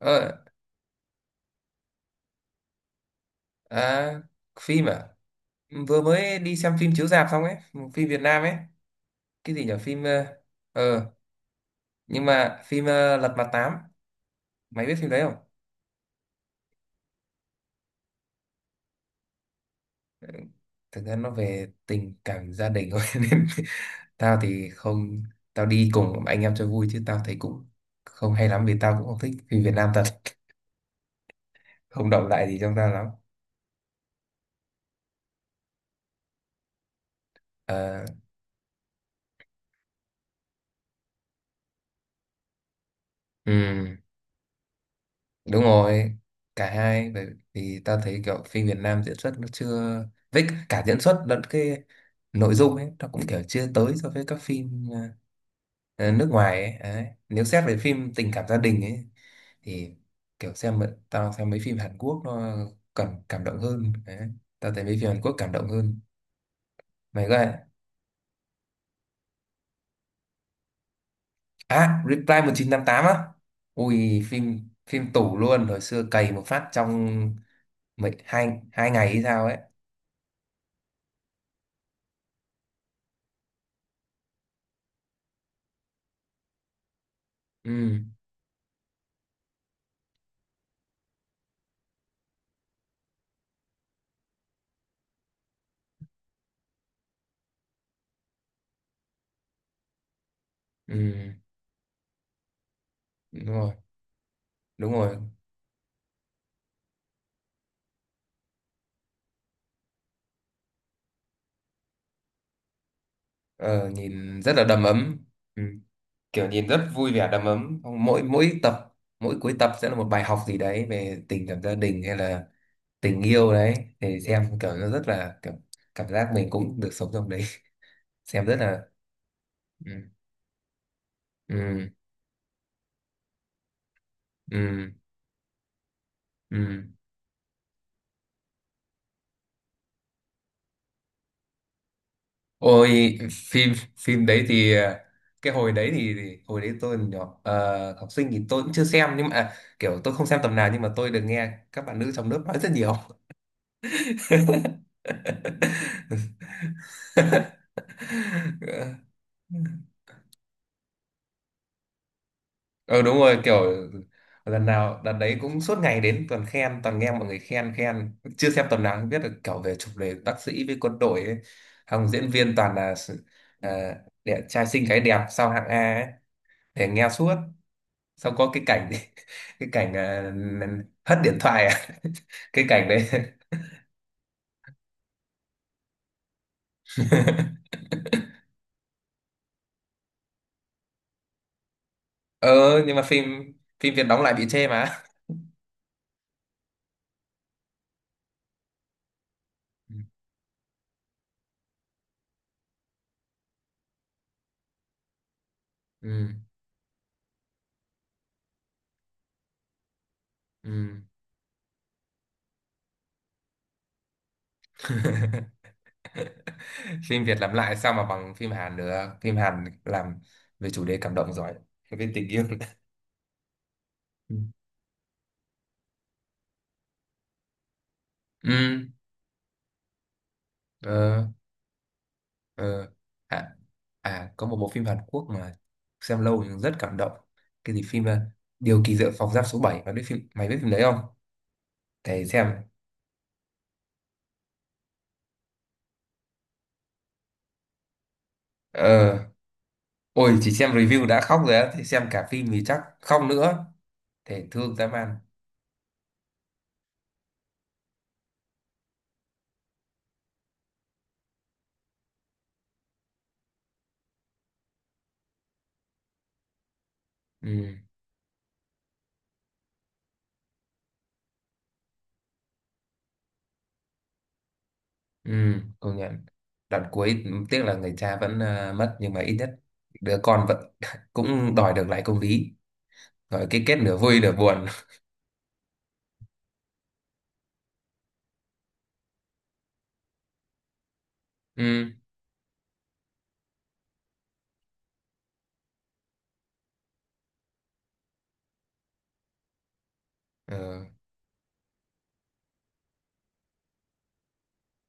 Ờ, à, phim à? Vừa mới đi xem phim chiếu rạp xong ấy, một phim Việt Nam ấy. Cái gì nhỉ? Ờ, nhưng mà phim Lật Mặt Tám, mày biết phim đấy không? Thực ra nó về tình cảm gia đình thôi nên tao thì không, tao đi cùng anh em cho vui chứ tao thấy cũng không hay lắm, vì tao cũng không thích phim Việt Nam thật, không động lại gì trong tao lắm. Ờ, ừ. Đúng rồi, cả hai. Bởi vì ta thấy kiểu phim Việt Nam diễn xuất nó chưa, với cả diễn xuất lẫn cái nội dung ấy nó cũng kiểu chưa tới so với các phim nước ngoài ấy. Đấy. Nếu xét về phim tình cảm gia đình ấy thì kiểu tao xem mấy phim Hàn Quốc nó cảm cảm động hơn. Đấy. Tao thấy mấy phim Hàn Quốc cảm động hơn. Mày coi à, Reply 1988 á. Ui phim phim tủ luôn, hồi xưa cày một phát trong mấy hai hai ngày hay sao ấy. Ừ. Ừ, đúng rồi, đúng rồi. Ờ, nhìn rất là đầm ấm. Ừ, kiểu nhìn rất vui vẻ đầm ấm. Xong Mỗi mỗi tập, mỗi cuối tập sẽ là một bài học gì đấy về tình cảm gia đình hay là tình yêu đấy. Thì xem kiểu nó rất là kiểu cảm giác mình cũng được sống trong đấy. Xem rất là ừ, ừ, ừ, ừ. Ôi phim phim đấy thì à, cái hồi đấy thì hồi đấy tôi còn nhỏ, học sinh thì tôi cũng chưa xem, nhưng mà à, kiểu tôi không xem tầm nào nhưng mà tôi được nghe các bạn nữ trong lớp nói rất nhiều. Ừ đúng rồi, kiểu lần nào đợt đấy cũng suốt ngày đến toàn khen, toàn nghe mọi người khen khen, chưa xem tầm nào không biết được kiểu về chủ đề bác sĩ với quân đội ấy. Hồng diễn viên toàn là uh, đẹp trai xinh gái, đẹp sao hạng A ấy, để nghe suốt, xong có cái cảnh cái cảnh hất điện thoại à cái cảnh đấy. ờ nhưng mà phim phim Việt đóng lại bị chê mà. Ừ. Ừ. Phim Việt làm lại sao mà bằng phim Hàn được, phim Hàn làm về chủ đề cảm động giỏi, về tình yêu. Ừ. ờ ờ à, À, có một bộ phim Hàn Quốc mà xem lâu nhưng rất cảm động, cái gì phim Điều kỳ diệu phòng giam số bảy, và cái phim mày biết phim đấy không, để xem. Ờ. Ôi chỉ xem review đã khóc rồi á, thì xem cả phim thì chắc khóc nữa. Thể thương dã man. Ừ, ừ, công nhận. Đoạn cuối tiếc là người cha vẫn à, mất, nhưng mà ít nhất đứa con vẫn cũng đòi được lại công lý. Rồi cái kết nửa vui nửa buồn. Ừ, ừ,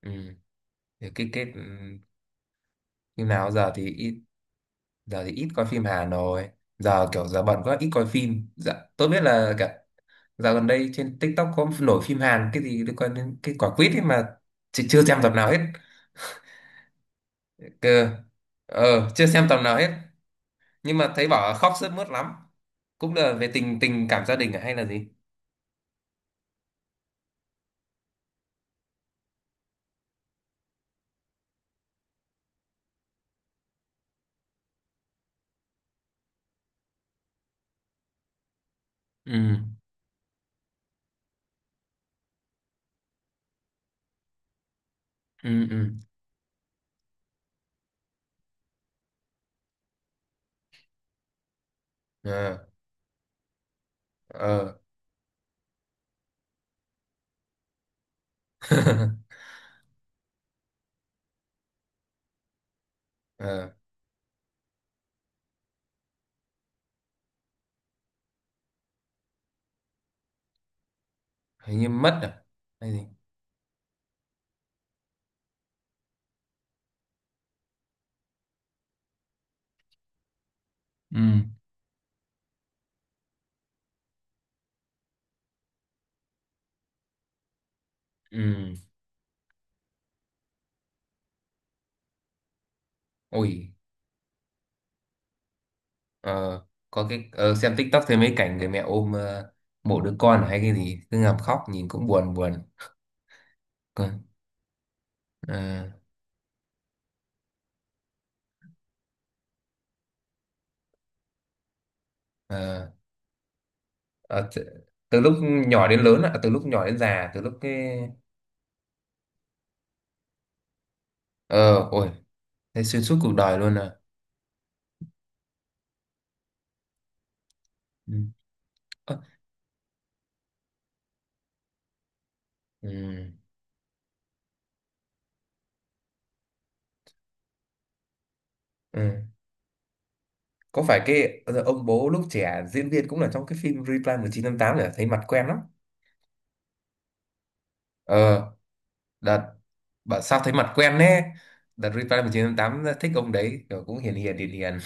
ừ. Thì cái kết ừ, như nào. Giờ thì ít, giờ thì ít coi phim Hàn rồi. Giờ kiểu giờ bận quá, ít coi phim. Dạ, tôi biết là cả dạo gần đây trên TikTok có nổi phim Hàn cái gì liên quan đến cái quả quýt ấy mà, chị chưa xem tập nào hết. Cơ, ờ, chưa xem tầm nào hết. Nhưng mà thấy bảo là khóc sướt mướt lắm. Cũng là về tình, tình cảm gia đình à, hay là gì? Ừ, ừ, ừ. Ờ, ờ. Ờ, hình như mất à? Hay gì? Ừ. Ừ, ui, ờ, có cái ờ, xem TikTok thấy mấy cảnh người mẹ ôm ờ, mộ đứa con à hay cái gì cứ ngầm khóc, nhìn cũng buồn buồn. Con- Ờ, ờ, ờ, t- từ lúc nhỏ đến lớn ạ, từ lúc nhỏ đến già, từ lúc cái ờ, ôi, thấy xuyên suốt cuộc đời luôn à. Ừ. Ơ, ừ. Ừ. Có phải cái ờ, ông bố lúc trẻ diễn viên cũng là trong cái phim Reply 1988 để thấy mặt quen lắm. Ờ, đợt bảo sao thấy mặt quen nè. Đợt Reply 1988 thích ông đấy, kiểu cũng hiền hiền.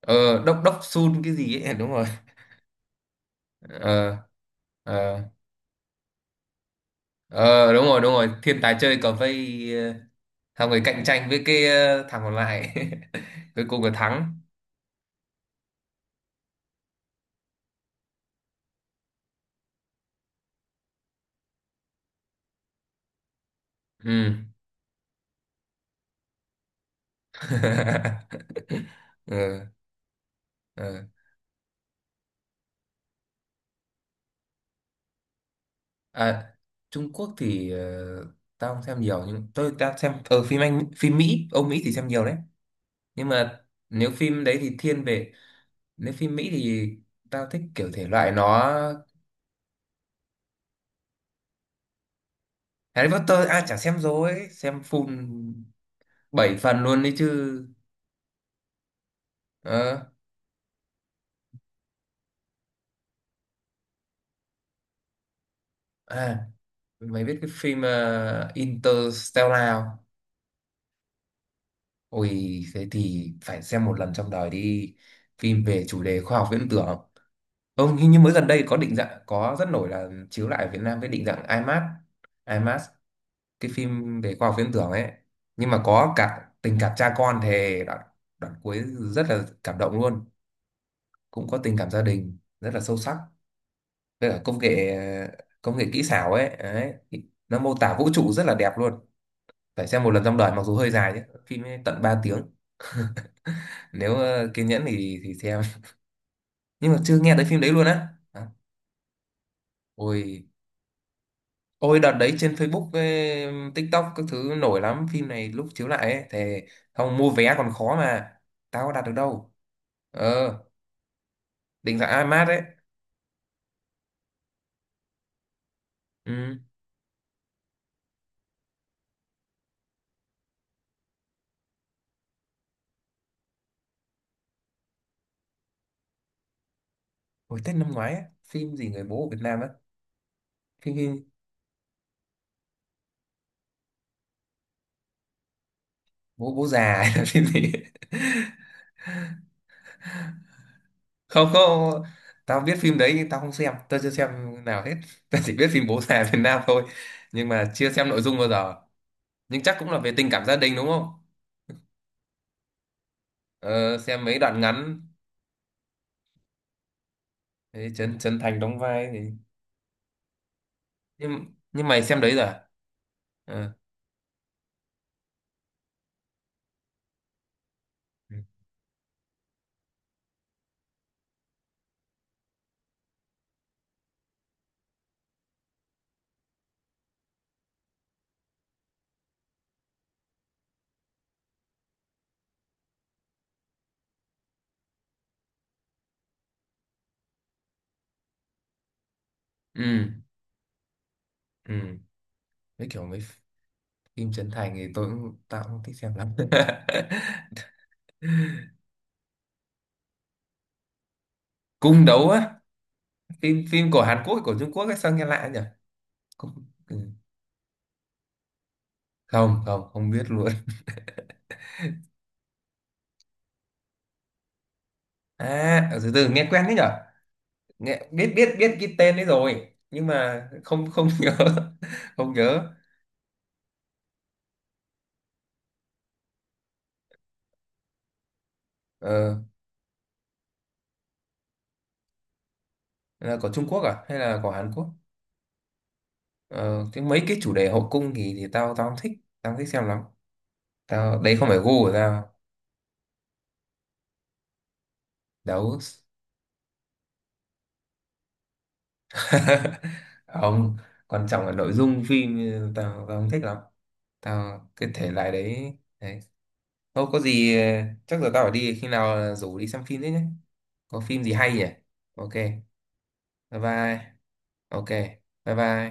Ờ, đốc đốc Sun cái gì ấy, đúng rồi. Ờ, ờ, ờ, đúng rồi, thiên tài chơi cờ vây ờ, xong rồi cạnh tranh với cái ờ, thằng còn lại. Cuối cùng là thắng. Ừ. Ừ. Ừ. À, Trung Quốc thì ờ, tao không xem nhiều, nhưng tôi tao xem ở phim Anh phim Mỹ Âu Mỹ thì xem nhiều đấy, nhưng mà nếu phim đấy thì thiên về, nếu phim Mỹ thì tao thích kiểu thể loại nó. Harry Potter à, chả xem rồi, xem full 7 phần luôn đấy chứ. Ờ. à Mày biết cái phim Interstellar không? Ôi thế thì phải xem một lần trong đời đi, phim về chủ đề khoa học viễn tưởng. Ông hình như mới gần đây có định dạng, có rất nổi là chiếu lại ở Việt Nam cái định dạng IMAX, IMAX, cái phim về khoa học viễn tưởng ấy. Nhưng mà có cả tình cảm cha con, thì đoạn, đoạn cuối rất là cảm động luôn, cũng có tình cảm gia đình rất là sâu sắc. Với cả công nghệ, công nghệ kỹ xảo ấy, đấy. Nó mô tả vũ trụ rất là đẹp luôn. Phải xem một lần trong đời, mặc dù hơi dài chứ, phim ấy tận 3 tiếng. Nếu ờ, kiên nhẫn thì xem. Nhưng mà chưa nghe tới phim đấy luôn á. À, ôi, ôi đợt đấy trên Facebook với TikTok các thứ nổi lắm, phim này lúc chiếu lại ấy thì không mua vé còn khó mà, tao có đặt được đâu. Ờ, định dạng IMAX ấy. Ừ. Hồi Tết năm ngoái ấy, phim gì người bố ở Việt Nam á, phim, phim bố bố già, hay là phim gì ấy. Không, không, tao biết phim đấy nhưng tao không xem, tao chưa xem nào hết. Tao chỉ biết phim bố già Việt Nam thôi, nhưng mà chưa xem nội dung bao giờ, nhưng chắc cũng là về tình cảm gia đình đúng không. Ờ, xem mấy đoạn ngắn. Thế Trấn Trấn Thành đóng vai. nhưng nhưng mày xem đấy rồi à? Ờ. Ừ, ừ, ừ. Mấy kiểu mấy phim Trấn Thành thì tôi cũng, tao cũng thích xem lắm. Cung đấu á, phim, phim của Hàn Quốc của Trung Quốc ấy, sao nghe lạ nhỉ. Cung- ừ. Không, không, không biết luôn. Từ từ nghe quen đấy nhở, nghe biết biết biết cái tên đấy rồi, nhưng mà không không nhớ, không nhớ. Ờ, là của Trung Quốc à hay là của Hàn Quốc. Ờ, cái mấy cái chủ đề hậu cung thì tao, tao không thích, tao không thích xem lắm, tao đấy không phải gu của tao. Đấu không, quan trọng là nội dung phim ừ, tao, tao không thích lắm, tao cái thể loại đấy đấy. Thôi có gì ờ, chắc giờ tao phải đi, khi nào rủ đi xem phim thế nhé, có phim gì hay nhỉ. Ok, bye bye. Ok, bye bye.